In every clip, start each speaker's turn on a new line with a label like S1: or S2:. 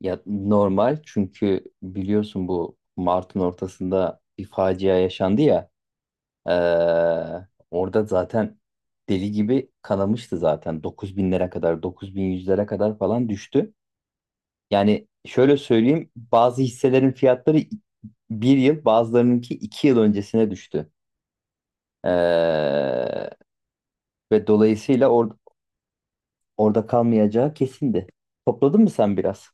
S1: Ya normal çünkü biliyorsun bu Mart'ın ortasında bir facia yaşandı ya. Ee, Orada zaten deli gibi kanamıştı zaten. Dokuz binlere kadar, dokuz bin yüzlere kadar falan düştü. Yani şöyle söyleyeyim, bazı hisselerin fiyatları bir yıl, bazılarınınki iki yıl öncesine düştü. Ee, Ve dolayısıyla orada kalmayacağı kesindi. Topladın mı sen biraz?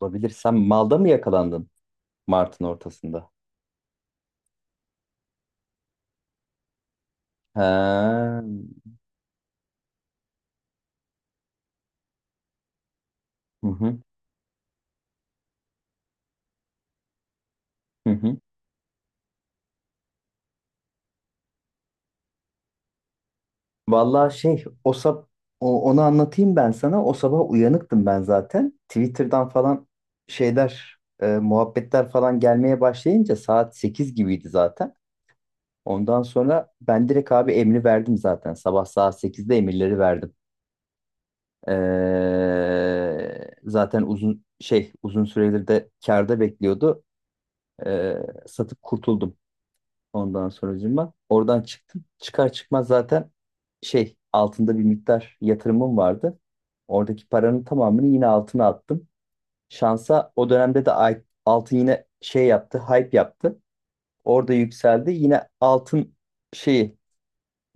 S1: Olabilir. Sen malda mı yakalandın Mart'ın ortasında? Ha. Hı hı, hı hı. Vallahi onu anlatayım ben sana. O sabah uyanıktım ben zaten. Twitter'dan falan şeyler muhabbetler falan gelmeye başlayınca saat 8 gibiydi zaten. Ondan sonra ben direkt abi emri verdim zaten. Sabah saat sekizde emirleri verdim. Zaten uzun şey uzun süredir de kârda bekliyordu. Ee, Satıp kurtuldum. Ondan sonracığıma oradan çıktım. Çıkar çıkmaz zaten şey altında bir miktar yatırımım vardı. Oradaki paranın tamamını yine altına attım. Şansa o dönemde de altın yine şey yaptı, hype yaptı. Orada yükseldi. Yine altın şeyi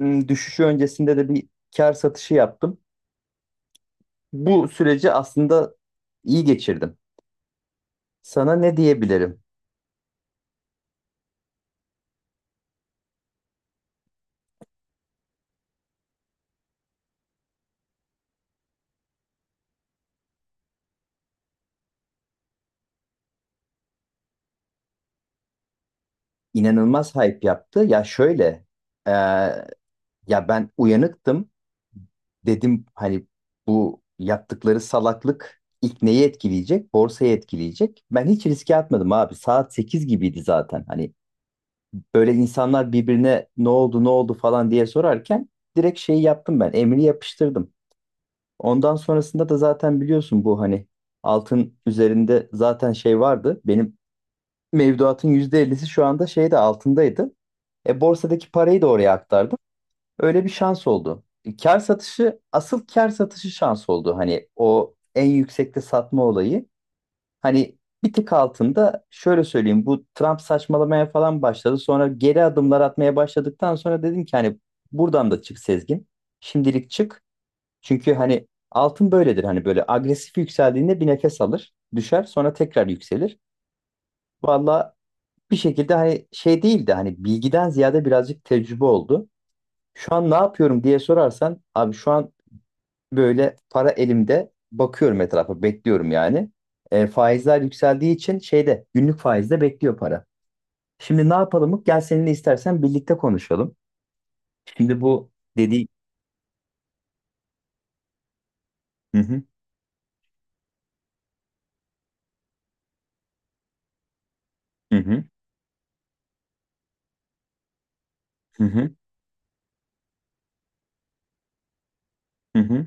S1: düşüşü öncesinde de bir kar satışı yaptım. Bu süreci aslında iyi geçirdim. Sana ne diyebilirim? İnanılmaz hype yaptı. Ya şöyle, e, ya ben uyanıktım. Dedim hani bu yaptıkları salaklık ilk neyi etkileyecek? Borsayı etkileyecek. Ben hiç riske atmadım abi. Saat 8 gibiydi zaten. Hani böyle insanlar birbirine ne oldu ne oldu falan diye sorarken direkt şeyi yaptım ben. Emri yapıştırdım. Ondan sonrasında da zaten biliyorsun bu hani altın üzerinde zaten şey vardı. Benim mevduatın %50'si şu anda şeyde altındaydı. E borsadaki parayı da oraya aktardım. Öyle bir şans oldu. Kar satışı, asıl kar satışı şans oldu. Hani o en yüksekte satma olayı. Hani bir tık altında şöyle söyleyeyim. Bu Trump saçmalamaya falan başladı. Sonra geri adımlar atmaya başladıktan sonra dedim ki hani buradan da çık Sezgin. Şimdilik çık. Çünkü hani altın böyledir. Hani böyle agresif yükseldiğinde bir nefes alır. Düşer sonra tekrar yükselir. Valla bir şekilde hani şey değil de hani bilgiden ziyade birazcık tecrübe oldu. Şu an ne yapıyorum diye sorarsan abi, şu an böyle para elimde bakıyorum etrafa bekliyorum yani. Faizler yükseldiği için şeyde günlük faizde bekliyor para. Şimdi ne yapalım? Gel seninle istersen birlikte konuşalım. Şimdi bu dediği. Hı hı, hı hı, hı hı, hı hı.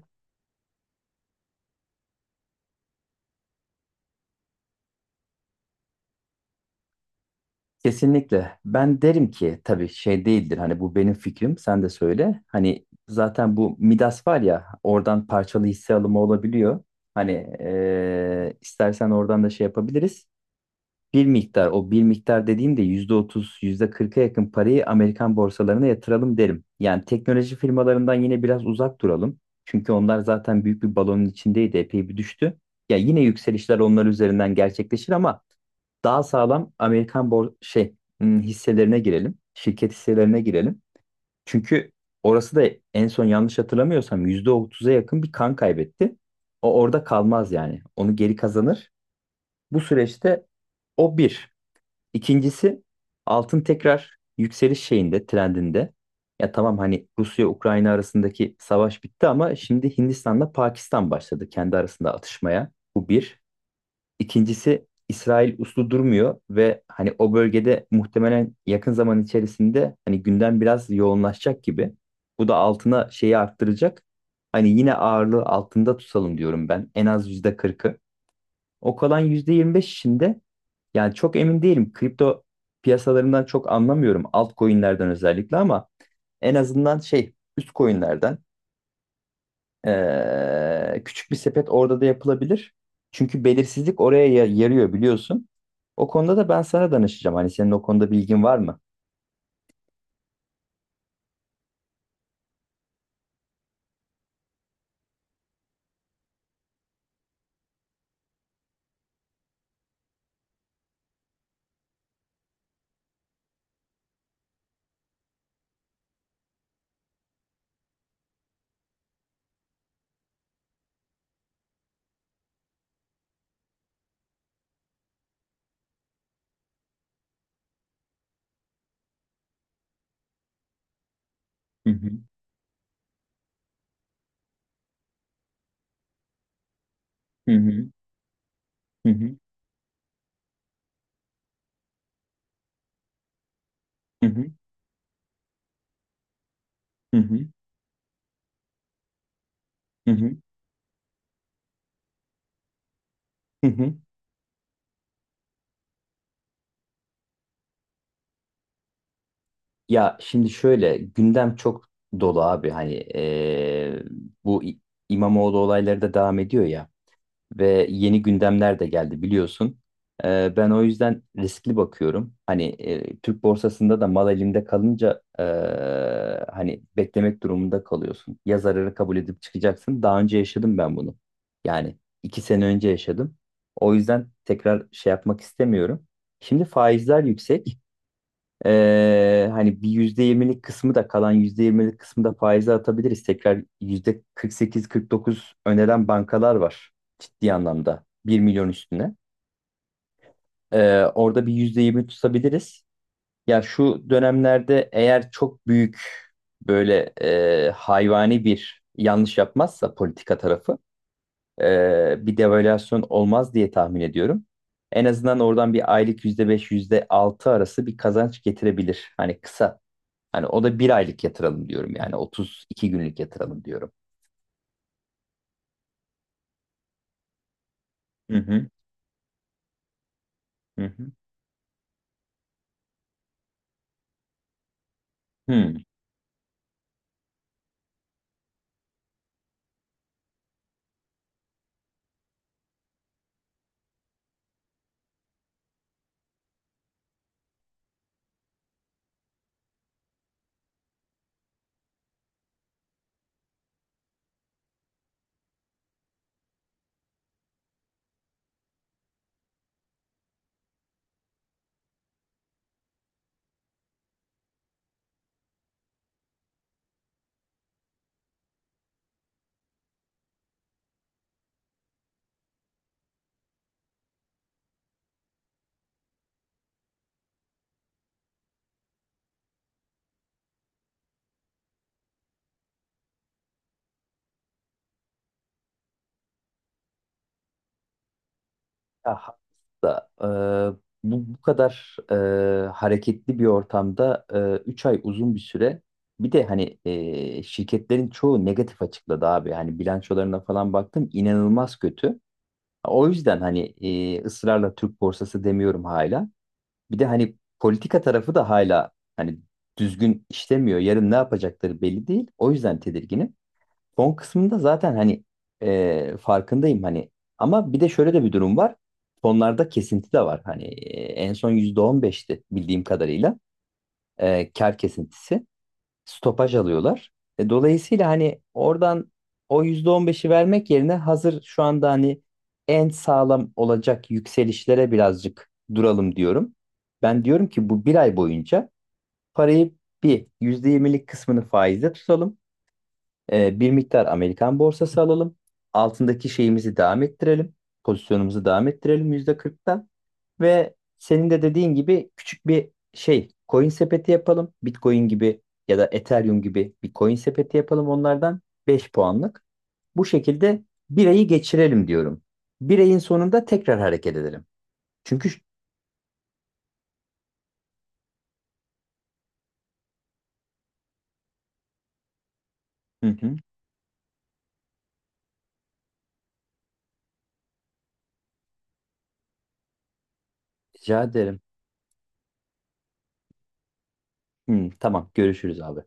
S1: Kesinlikle. Ben derim ki tabii şey değildir. Hani bu benim fikrim. Sen de söyle. Hani zaten bu Midas var ya, oradan parçalı hisse alımı olabiliyor. Hani istersen oradan da şey yapabiliriz. Bir miktar, o bir miktar dediğimde %30 %40'a yakın parayı Amerikan borsalarına yatıralım derim. Yani teknoloji firmalarından yine biraz uzak duralım. Çünkü onlar zaten büyük bir balonun içindeydi, epey bir düştü. Ya yine yükselişler onlar üzerinden gerçekleşir ama daha sağlam Amerikan bor şey hisselerine girelim. Şirket hisselerine girelim. Çünkü orası da en son yanlış hatırlamıyorsam %30'a yakın bir kan kaybetti. O orada kalmaz yani. Onu geri kazanır. Bu süreçte o bir. İkincisi altın tekrar yükseliş şeyinde, trendinde. Ya tamam hani Rusya-Ukrayna arasındaki savaş bitti ama şimdi Hindistan'la Pakistan başladı kendi arasında atışmaya. Bu bir. İkincisi İsrail uslu durmuyor ve hani o bölgede muhtemelen yakın zaman içerisinde hani gündem biraz yoğunlaşacak gibi. Bu da altına şeyi arttıracak. Hani yine ağırlığı altında tutalım diyorum ben. En az %40'ı. O kalan %25 içinde yani çok emin değilim. Kripto piyasalarından çok anlamıyorum. Altcoin'lerden özellikle ama en azından şey üst coin'lerden küçük bir sepet orada da yapılabilir. Çünkü belirsizlik oraya yarıyor biliyorsun. O konuda da ben sana danışacağım. Hani senin o konuda bilgin var mı? Hı hı. Hı hı. Hı hı. Hı hı. Hı hı. Hı hı. Hı hı. Ya şimdi şöyle gündem çok dolu abi hani bu İmamoğlu olayları da devam ediyor ya ve yeni gündemler de geldi biliyorsun. Ben o yüzden riskli bakıyorum. Hani Türk borsasında da mal elimde kalınca hani beklemek durumunda kalıyorsun. Ya zararı kabul edip çıkacaksın. Daha önce yaşadım ben bunu. Yani 2 sene önce yaşadım. O yüzden tekrar şey yapmak istemiyorum. Şimdi faizler yüksek. Hani bir %20'lik kısmı da kalan %20'lik kısmı da faize atabiliriz. Tekrar %48, 49 öneren bankalar var, ciddi anlamda bir milyon üstüne. Orada bir %20 tutabiliriz. Ya şu dönemlerde eğer çok büyük böyle hayvani bir yanlış yapmazsa politika tarafı, bir devalüasyon olmaz diye tahmin ediyorum. En azından oradan bir aylık %5, %6 arası bir kazanç getirebilir. Hani kısa. Hani o da bir aylık yatıralım diyorum. Yani 32 günlük yatıralım diyorum. Hı hı. Hı hı. Hı. Aha. Da, bu kadar hareketli bir ortamda 3 ay uzun bir süre. Bir de hani şirketlerin çoğu negatif açıkladı abi. Hani bilançolarına falan baktım inanılmaz kötü. O yüzden hani ısrarla Türk borsası demiyorum hala. Bir de hani politika tarafı da hala hani düzgün işlemiyor. Yarın ne yapacakları belli değil. O yüzden tedirginim. Son kısmında zaten hani farkındayım hani ama bir de şöyle de bir durum var. Sonlarda kesinti de var. Hani en son %15'ti bildiğim kadarıyla. Kar kesintisi. Stopaj alıyorlar. Dolayısıyla hani oradan o %15'i vermek yerine hazır şu anda hani en sağlam olacak yükselişlere birazcık duralım diyorum. Ben diyorum ki bu bir ay boyunca parayı bir %20'lik kısmını faizde tutalım. Bir miktar Amerikan borsası alalım. Altındaki şeyimizi devam ettirelim. Pozisyonumuzu devam ettirelim %40'tan. Ve senin de dediğin gibi küçük bir şey coin sepeti yapalım. Bitcoin gibi ya da Ethereum gibi bir coin sepeti yapalım onlardan 5 puanlık. Bu şekilde bir ayı geçirelim diyorum. Bir ayın sonunda tekrar hareket edelim. Çünkü hı hı, rica ederim. Hı, tamam görüşürüz abi.